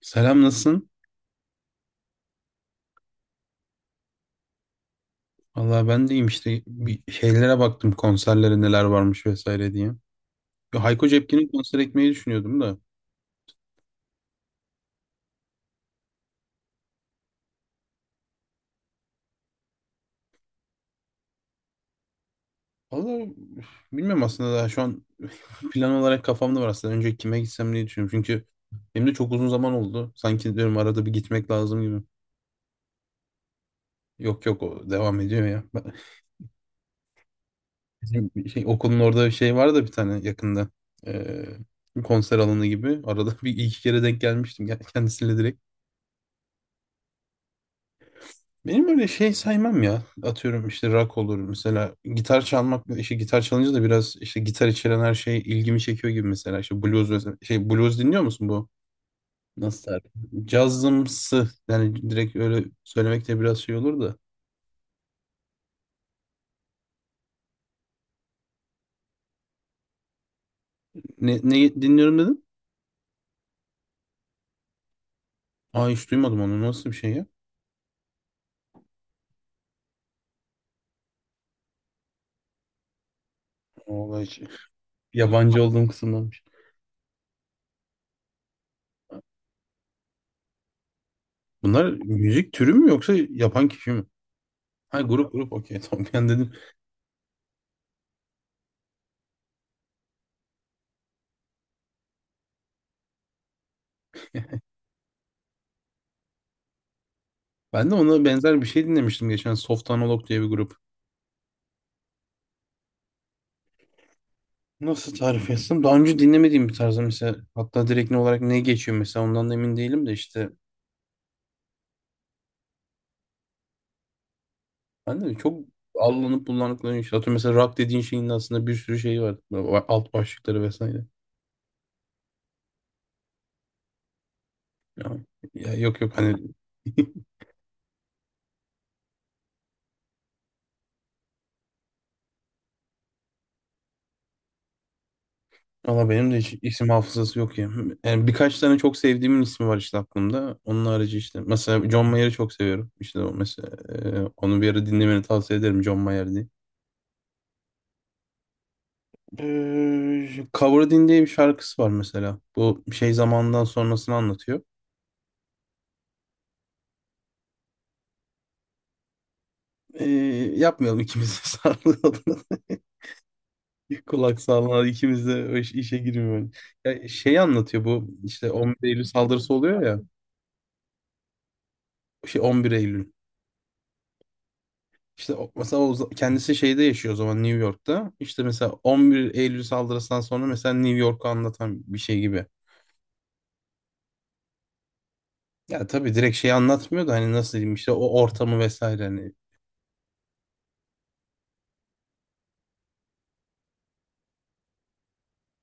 Selam, nasılsın? Valla ben deyim işte bir şeylere baktım, konserlere neler varmış vesaire diye. Ya Hayko Cepkin'in konser ekmeği düşünüyordum da. Valla bilmiyorum aslında, daha şu an plan olarak kafamda var aslında. Önce kime gitsem diye düşünüyorum. Çünkü benim de çok uzun zaman oldu. Sanki diyorum arada bir gitmek lazım gibi. Yok yok, o devam ediyor ya. Bizim bir şey, okulun orada bir şey var da bir tane yakında. Ee, konser alanı gibi. Arada bir iki kere denk gelmiştim kendisiyle direkt. Benim öyle şey saymam ya. Atıyorum işte rock olur mesela. Gitar çalmak, işte gitar çalınca da biraz işte gitar içeren her şey ilgimi çekiyor gibi mesela. İşte blues mesela. Şey, blues dinliyor musun bu? Nasıl tarif? Cazımsı. Yani direkt öyle söylemek de biraz şey olur da. Ne dinliyorum dedim? Aa, hiç duymadım onu. Nasıl bir şey ya? Vallahi hiç. Yabancı olduğum kısımdanmış. Bunlar müzik türü mü yoksa yapan kişi mi? Ha, grup grup, okey, tamam, ben dedim. Ben de ona benzer bir şey dinlemiştim geçen. Soft Analog diye bir grup. Nasıl tarif etsem? Daha önce dinlemediğim bir tarzda mesela, hatta direkt ne olarak ne geçiyor mesela ondan da emin değilim de işte ben de çok allanıp bulanıkların, işte atıyorum mesela rock dediğin şeyin de aslında bir sürü şeyi var. Alt başlıkları vesaire. Ya, ya yok yok hani valla benim de hiç isim hafızası yok ya. Yani birkaç tane çok sevdiğimin ismi var işte aklımda. Onun harici işte mesela John Mayer'ı çok seviyorum. İşte o mesela, onu bir ara dinlemeni tavsiye ederim, John Mayer diye. Coveredin diye bir şarkısı var mesela. Bu şey zamandan sonrasını anlatıyor. Ee, yapmayalım ikimiz de sağlığı adına. Kulak sağlığı ikimiz de o işe girmiyor. Ya şey anlatıyor bu, işte 11 Eylül saldırısı oluyor ya. Şey, 11 Eylül. İşte mesela kendisi şeyde yaşıyor o zaman, New York'ta. İşte mesela 11 Eylül saldırısından sonra mesela New York'u anlatan bir şey gibi. Ya tabii direkt şeyi anlatmıyor da, hani nasıl diyeyim, işte o ortamı vesaire hani.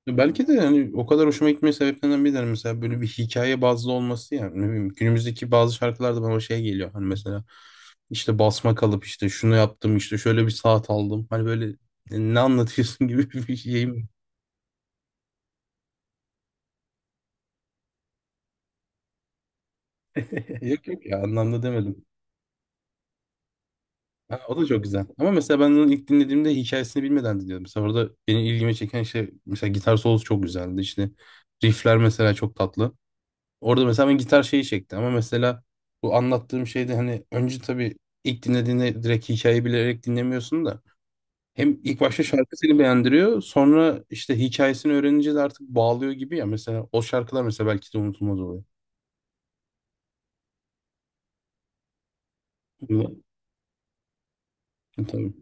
Ya belki de yani o kadar hoşuma gitme sebeplerinden biri de hani mesela böyle bir hikaye bazlı olması, yani ne bileyim günümüzdeki bazı şarkılarda bana o şey geliyor, hani mesela işte basma kalıp, işte şunu yaptım, işte şöyle bir saat aldım, hani böyle ne anlatıyorsun gibi bir şeyim. Yok yok ya, anlamda demedim. Ha, o da çok güzel ama mesela ben onu ilk dinlediğimde hikayesini bilmeden dinliyordum, mesela orada benim ilgimi çeken şey mesela gitar solosu çok güzeldi, işte riffler mesela çok tatlı. Orada mesela ben, gitar şeyi çekti ama mesela bu anlattığım şeyde hani önce tabii ilk dinlediğinde direkt hikayeyi bilerek dinlemiyorsun da, hem ilk başta şarkı seni beğendiriyor, sonra işte hikayesini öğrenince de artık bağlıyor gibi ya, mesela o şarkılar mesela belki de unutulmaz oluyor. Hı, tabii.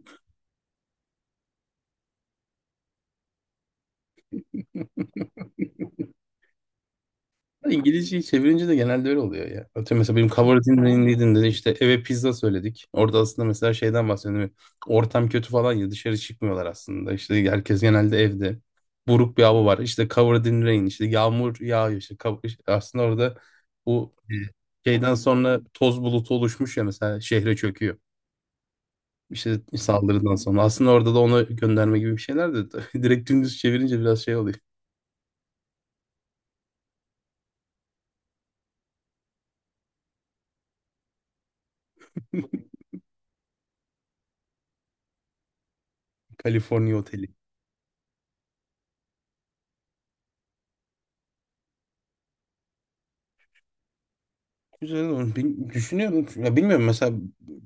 İngilizceyi çevirince de genelde öyle oluyor ya. Atıyorum mesela benim Cover Dinley'din dedi, işte eve pizza söyledik. Orada aslında mesela şeyden bahsediyorum. Ortam kötü falan ya, dışarı çıkmıyorlar aslında. İşte herkes genelde evde. Buruk bir hava var. İşte Covered in Rain, işte yağmur yağıyor, İşte işte aslında orada, bu şeyden sonra toz bulutu oluşmuş ya, mesela şehre çöküyor. İşte saldırıdan sonra. Aslında orada da ona gönderme gibi bir şeyler de, direkt dümdüz çevirince biraz şey oluyor. Kaliforniya Oteli. Güzel olur. Düşünüyorum. Ya bilmiyorum mesela,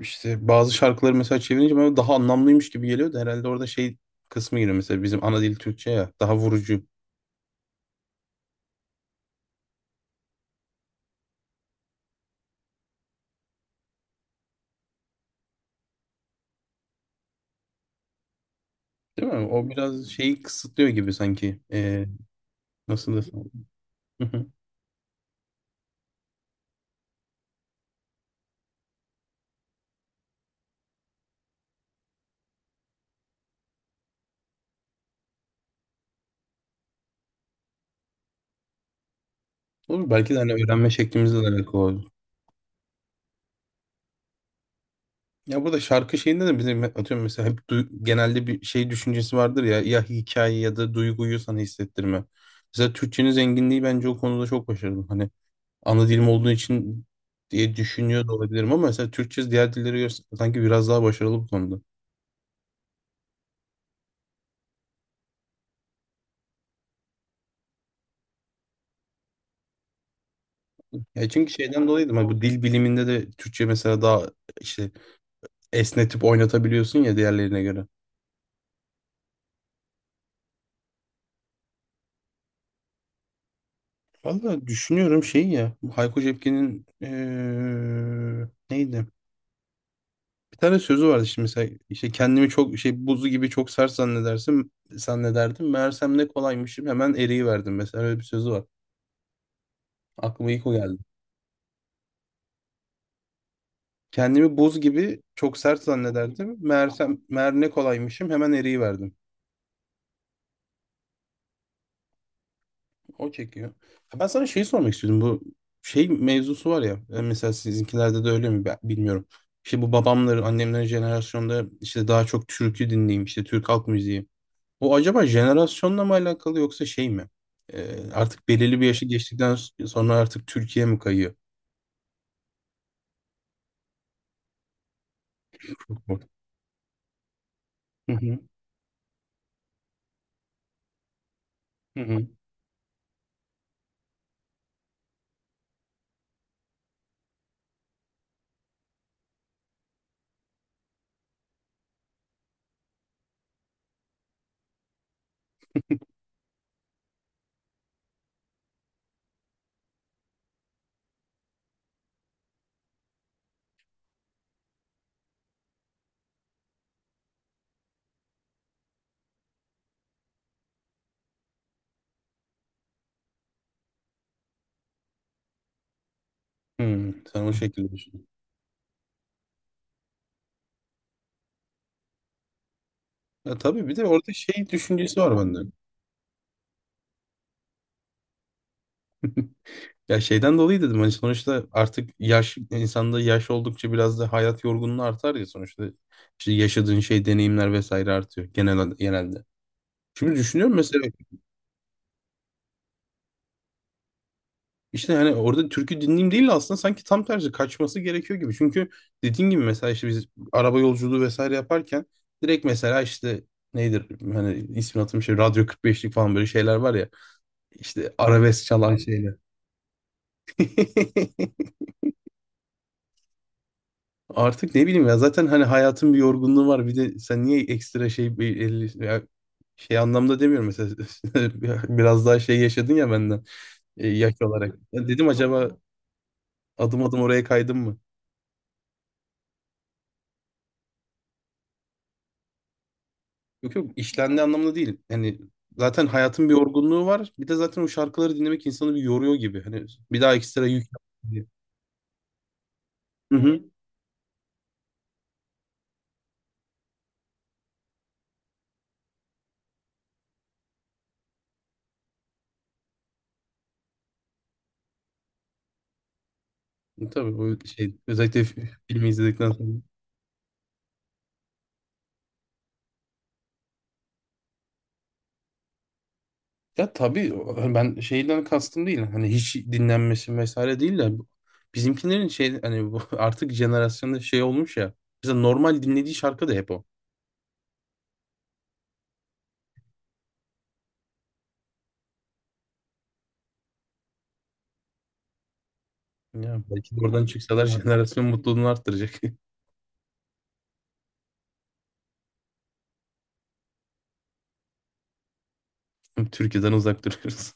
işte bazı şarkıları mesela çevirince bana daha anlamlıymış gibi geliyor da, herhalde orada şey kısmı giriyor, mesela bizim ana dil Türkçe ya, daha vurucu değil mi? O biraz şeyi kısıtlıyor gibi sanki. Nasıl desem. Hı hı. Olur, belki de hani öğrenme şeklimizle de alakalı olur. Ya burada şarkı şeyinde de bizim atıyorum mesela hep genelde bir şey düşüncesi vardır ya, ya hikaye ya da duyguyu sana hissettirme. Mesela Türkçenin zenginliği bence o konuda çok başarılı. Hani ana dilim olduğu için diye düşünüyor da olabilirim ama mesela Türkçe diğer dillere göre sanki biraz daha başarılı bu konuda. Ya çünkü şeyden dolayıydı ama bu dil biliminde de Türkçe mesela daha işte esnetip oynatabiliyorsun ya diğerlerine göre. Valla düşünüyorum şey ya, bu Hayko Cepkin'in neydi? Bir tane sözü vardı şimdi mesela, işte kendimi çok şey, buzu gibi çok sert zannederdim. Meğersem ne kolaymışım, hemen eriyiverdim, mesela öyle bir sözü var. Aklıma ilk o geldi. Kendimi buz gibi çok sert zannederdim. Meğer ne kolaymışım, hemen eriyiverdim. O çekiyor. Ha, ben sana şeyi sormak istiyordum. Bu şey mevzusu var ya. Mesela sizinkilerde de öyle mi, ben bilmiyorum. İşte bu babamların, annemlerin jenerasyonda işte daha çok türkü dinleyeyim, işte Türk halk müziği. O acaba jenerasyonla mı alakalı yoksa şey mi? Artık belirli bir yaşı geçtikten sonra artık Türkiye mi kayıyor? Hı hı. Hı hı. Hı. Sen o şekilde düşün. Ya tabii, bir de orada şey düşüncesi var bende. Ya şeyden dolayı dedim, hani sonuçta artık yaş, insanda yaş oldukça biraz da hayat yorgunluğu artar ya, sonuçta işte yaşadığın şey, deneyimler vesaire artıyor genelde. Şimdi düşünüyorum mesela, işte hani orada türkü dinleyeyim değil de aslında sanki tam tersi kaçması gerekiyor gibi. Çünkü dediğin gibi mesela, işte biz araba yolculuğu vesaire yaparken direkt mesela işte nedir, hani ismini hatırlamıyorum, şey Radyo 45'lik falan, böyle şeyler var ya, işte arabesk çalan şeyler. Artık ne bileyim ya, zaten hani hayatın bir yorgunluğu var. Bir de sen niye ekstra şey, bir ya şey anlamda demiyorum mesela, biraz daha şey yaşadın ya benden yaş olarak. Ya dedim, acaba adım adım oraya kaydım mı? Yok yok, işlendiği anlamda değil. Yani zaten hayatın bir yorgunluğu var. Bir de zaten o şarkıları dinlemek insanı bir yoruyor gibi. Hani bir daha ekstra yük yapma diye. Hı hı. Tabii bu şey, özellikle filmi izledikten sonra. Ya tabii hani ben şeyden kastım değil. Hani hiç dinlenmesi vesaire değil de, bizimkilerin şey, hani bu artık jenerasyonda şey olmuş ya. Mesela normal dinlediği şarkı da hep o. Ya belki de oradan çıksalar jenerasyon mutluluğunu arttıracak. Türkiye'den uzak duruyoruz.